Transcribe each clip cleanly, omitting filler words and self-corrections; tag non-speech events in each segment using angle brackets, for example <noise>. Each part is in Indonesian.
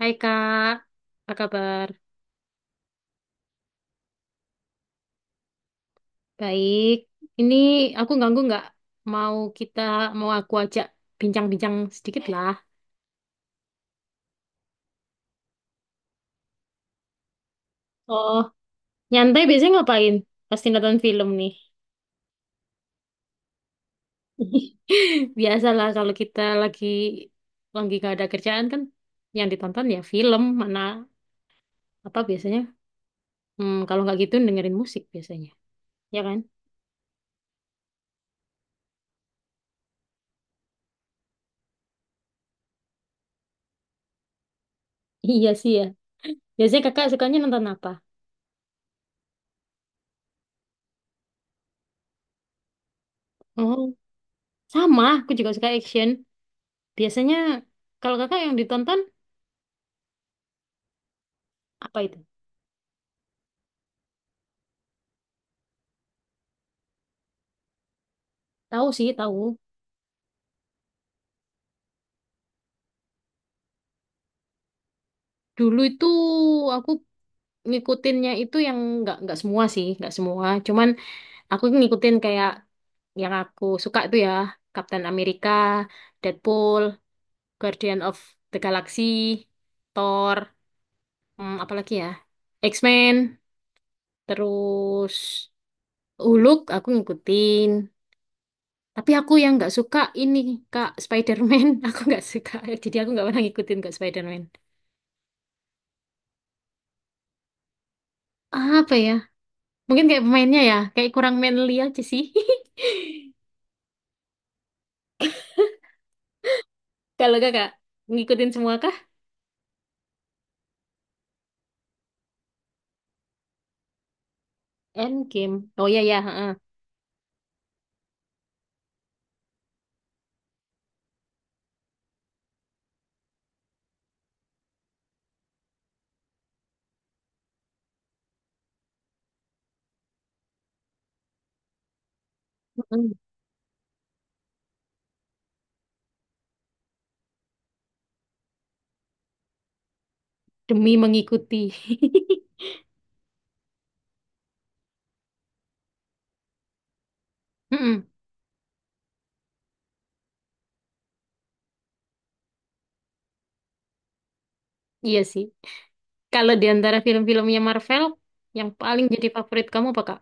Hai Kak, apa kabar? Baik. Ini aku ganggu nggak? Mau kita, mau aku ajak bincang-bincang sedikit lah. Oh, nyantai biasanya ngapain? Pasti nonton film nih. <laughs> Biasalah kalau kita lagi gak ada kerjaan kan, yang ditonton ya film mana apa biasanya? Kalau nggak gitu dengerin musik biasanya, ya kan? Iya sih ya. Biasanya kakak sukanya nonton apa? Oh, sama. Aku juga suka action. Biasanya kalau kakak yang ditonton apa itu? Tahu sih, tahu. Dulu itu aku ngikutinnya itu yang nggak semua sih, nggak semua. Cuman aku ngikutin kayak yang aku suka itu ya, Captain America, Deadpool, Guardian of the Galaxy, Thor, apalagi ya, X-Men, terus Hulk aku ngikutin. Tapi aku yang nggak suka ini Kak Spider-Man, <laughs> aku nggak suka. Jadi aku nggak pernah ngikutin Kak Spider-Man. Apa ya? Mungkin kayak pemainnya ya, kayak kurang manly aja sih. <laughs> Kalau kakak ngikutin semua kah? Endgame. Oh iya ya, heeh. Heeh. Demi mengikuti. <laughs> Heeh. Iya sih. Kalau di antara film-filmnya Marvel, yang paling jadi favorit kamu apa, Kak?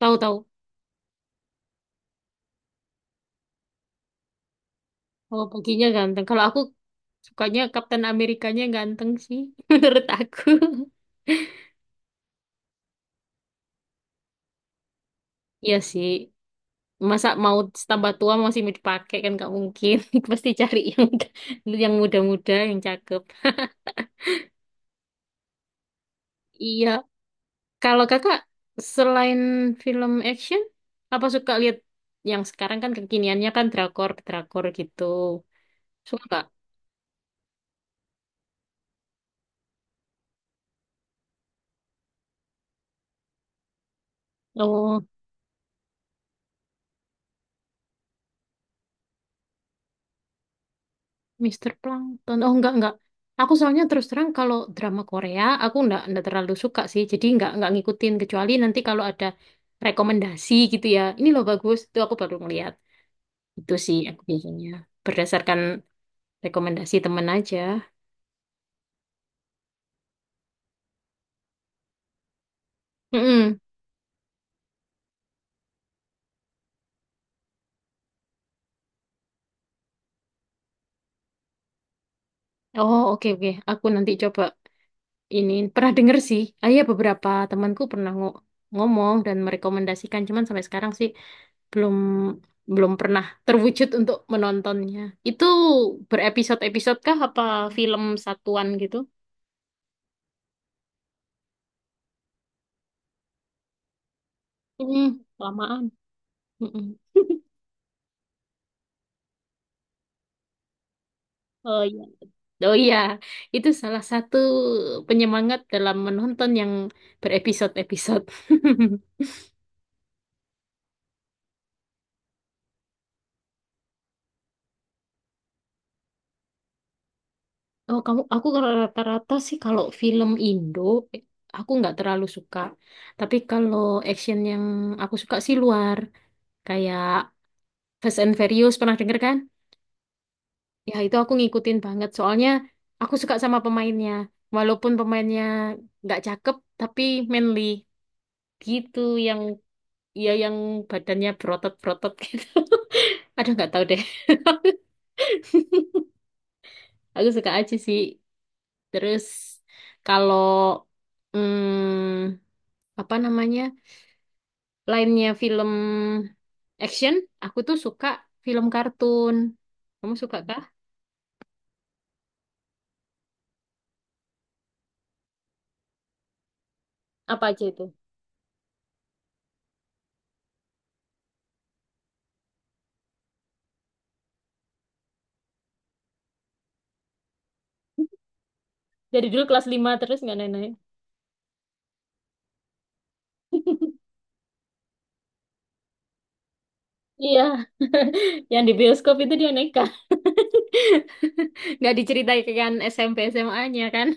Tahu-tahu. Oh, baginya ganteng. Kalau aku sukanya Kapten Amerikanya ganteng sih, <laughs> menurut aku. Iya sih. Masa mau tambah tua masih mau dipakai kan nggak mungkin. <laughs> Pasti cari yang muda-muda, yang cakep. Iya, kalau kakak selain film action, apa suka lihat yang sekarang kan kekiniannya kan drakor, drakor gitu. Suka nggak? Oh, Mister Plankton. Oh, enggak, enggak. Aku soalnya terus terang kalau drama Korea, aku enggak terlalu suka sih. Jadi enggak ngikutin. Kecuali nanti kalau ada rekomendasi gitu ya. Ini loh bagus, itu aku baru ngeliat. Itu sih aku biasanya. Berdasarkan rekomendasi temen aja. Mm-mm. Oh, oke, oke. Aku nanti coba ini pernah denger sih. Ah, iya beberapa temanku pernah ngomong dan merekomendasikan, cuman sampai sekarang sih belum belum pernah terwujud untuk menontonnya. Itu berepisode-episode kah apa film satuan gitu? Hmm, Lamaan. Mm-mm. <laughs> Oh iya. Oh iya, itu salah satu penyemangat dalam menonton yang berepisode-episode. <laughs> Oh, kamu aku kalau rata-rata sih kalau film Indo eh, aku nggak terlalu suka. Tapi kalau action yang aku suka sih luar kayak Fast and Furious pernah denger kan? Ya itu aku ngikutin banget soalnya aku suka sama pemainnya. Walaupun pemainnya nggak cakep tapi manly gitu yang yang badannya berotot-berotot <laughs> gitu. Aduh nggak tahu deh. <laughs> Aku suka aja sih. Terus kalau hmm, apa namanya? Lainnya film action, aku tuh suka film kartun. Kamu suka kah? Apa aja itu? Dari dulu kelas 5 terus nggak naik-naik. Iya, <laughs> yang di bioskop itu dia nekat. <laughs> Nggak diceritain kan SMP SMA-nya kan?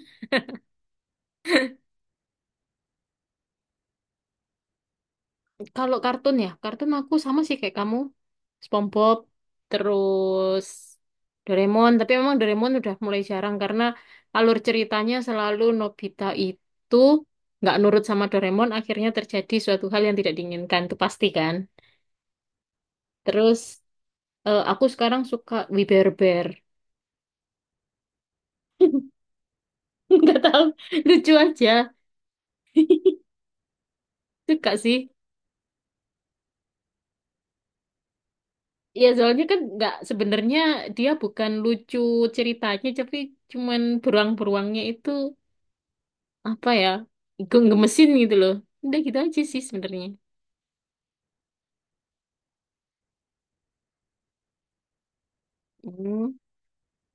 Kalau kartun ya, kartun aku sama sih kayak kamu. SpongeBob, terus Doraemon. Tapi memang Doraemon udah mulai jarang karena alur ceritanya selalu Nobita itu nggak nurut sama Doraemon, akhirnya terjadi suatu hal yang tidak diinginkan, itu pasti kan. Terus aku sekarang suka We Bare Bear. <laughs> Nggak tahu, lucu aja. Suka sih. Ya soalnya kan nggak sebenarnya dia bukan lucu ceritanya, tapi cuman beruang-beruangnya itu apa ya gemesin gitu loh, udah gitu aja sih sebenarnya. Hmm.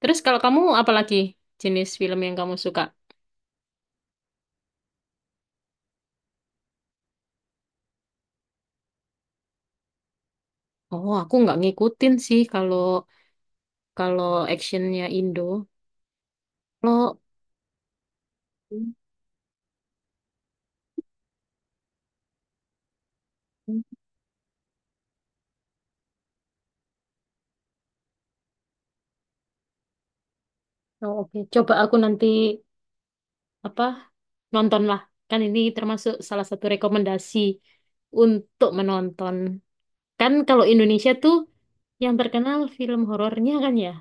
Terus kalau kamu apa lagi jenis film yang kamu suka? Oh, aku nggak ngikutin sih kalau kalau actionnya Indo kalau. Oh, oke, coba aku nanti apa nonton lah, kan ini termasuk salah satu rekomendasi untuk menonton. Kan kalau Indonesia tuh yang terkenal film horornya, kan ya?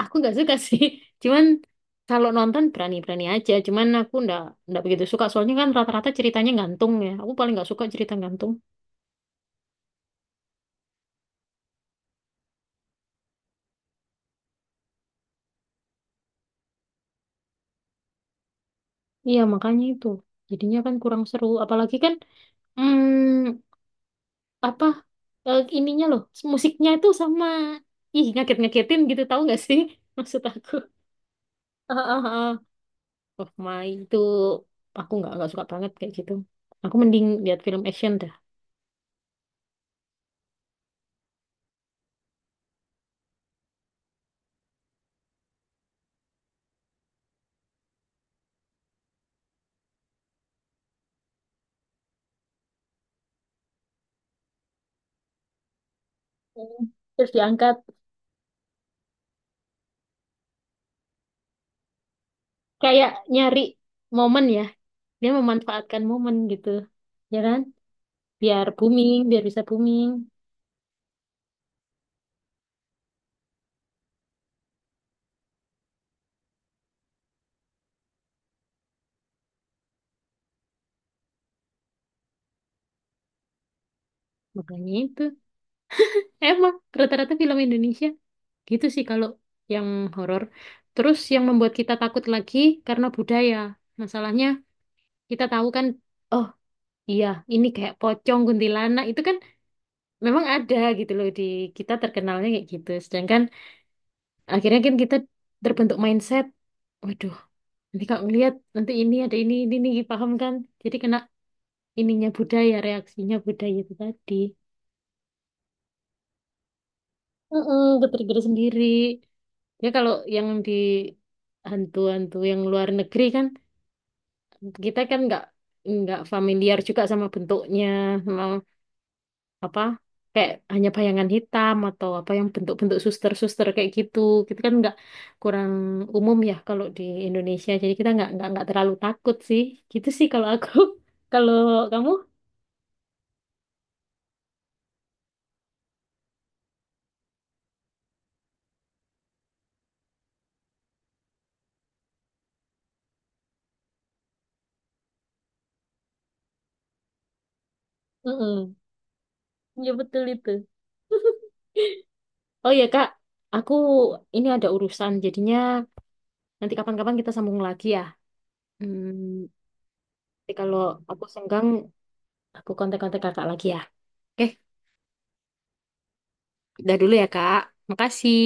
Aku nggak suka sih, <laughs> cuman kalau nonton berani-berani aja. Cuman aku nggak begitu suka, soalnya kan rata-rata ceritanya gantung. Ya, aku paling nggak suka cerita gantung. Iya, makanya itu jadinya kan kurang seru. Apalagi kan hmm, apa ininya loh, musiknya itu sama ih ngaget-ngagetin gitu, tahu nggak sih? <laughs> Maksud aku. Ah, ah, ah. Oh my, itu aku nggak suka banget kayak gitu. Aku mending lihat film action dah. Hmm. Terus diangkat kayak nyari momen ya, dia memanfaatkan momen gitu. Ya kan? Biar booming, biar bisa booming. Makanya itu. Emang rata-rata film Indonesia gitu sih kalau yang horor. Terus yang membuat kita takut lagi karena budaya. Masalahnya kita tahu kan, oh iya ini kayak pocong kuntilanak itu kan memang ada gitu loh di kita, terkenalnya kayak gitu. Sedangkan akhirnya kan kita terbentuk mindset, waduh nanti kalau ngeliat nanti ini ada ini paham kan? Jadi kena ininya budaya, reaksinya budaya itu tadi. Mm-mm, geter-geter sendiri. Ya kalau yang di hantu-hantu yang luar negeri kan kita kan nggak familiar juga sama bentuknya, sama apa kayak hanya bayangan hitam atau apa yang bentuk-bentuk suster-suster kayak gitu. Kita kan nggak kurang umum ya kalau di Indonesia. Jadi kita nggak terlalu takut sih. Gitu sih kalau aku. <laughs> Kalau kamu? Mm-mm. Ya betul itu. Oh iya Kak, aku ini ada urusan, jadinya nanti kapan-kapan kita sambung lagi ya. Hmm, Nanti kalau aku senggang, aku kontak-kontak Kakak lagi ya. Oke, udah dulu ya Kak. Makasih.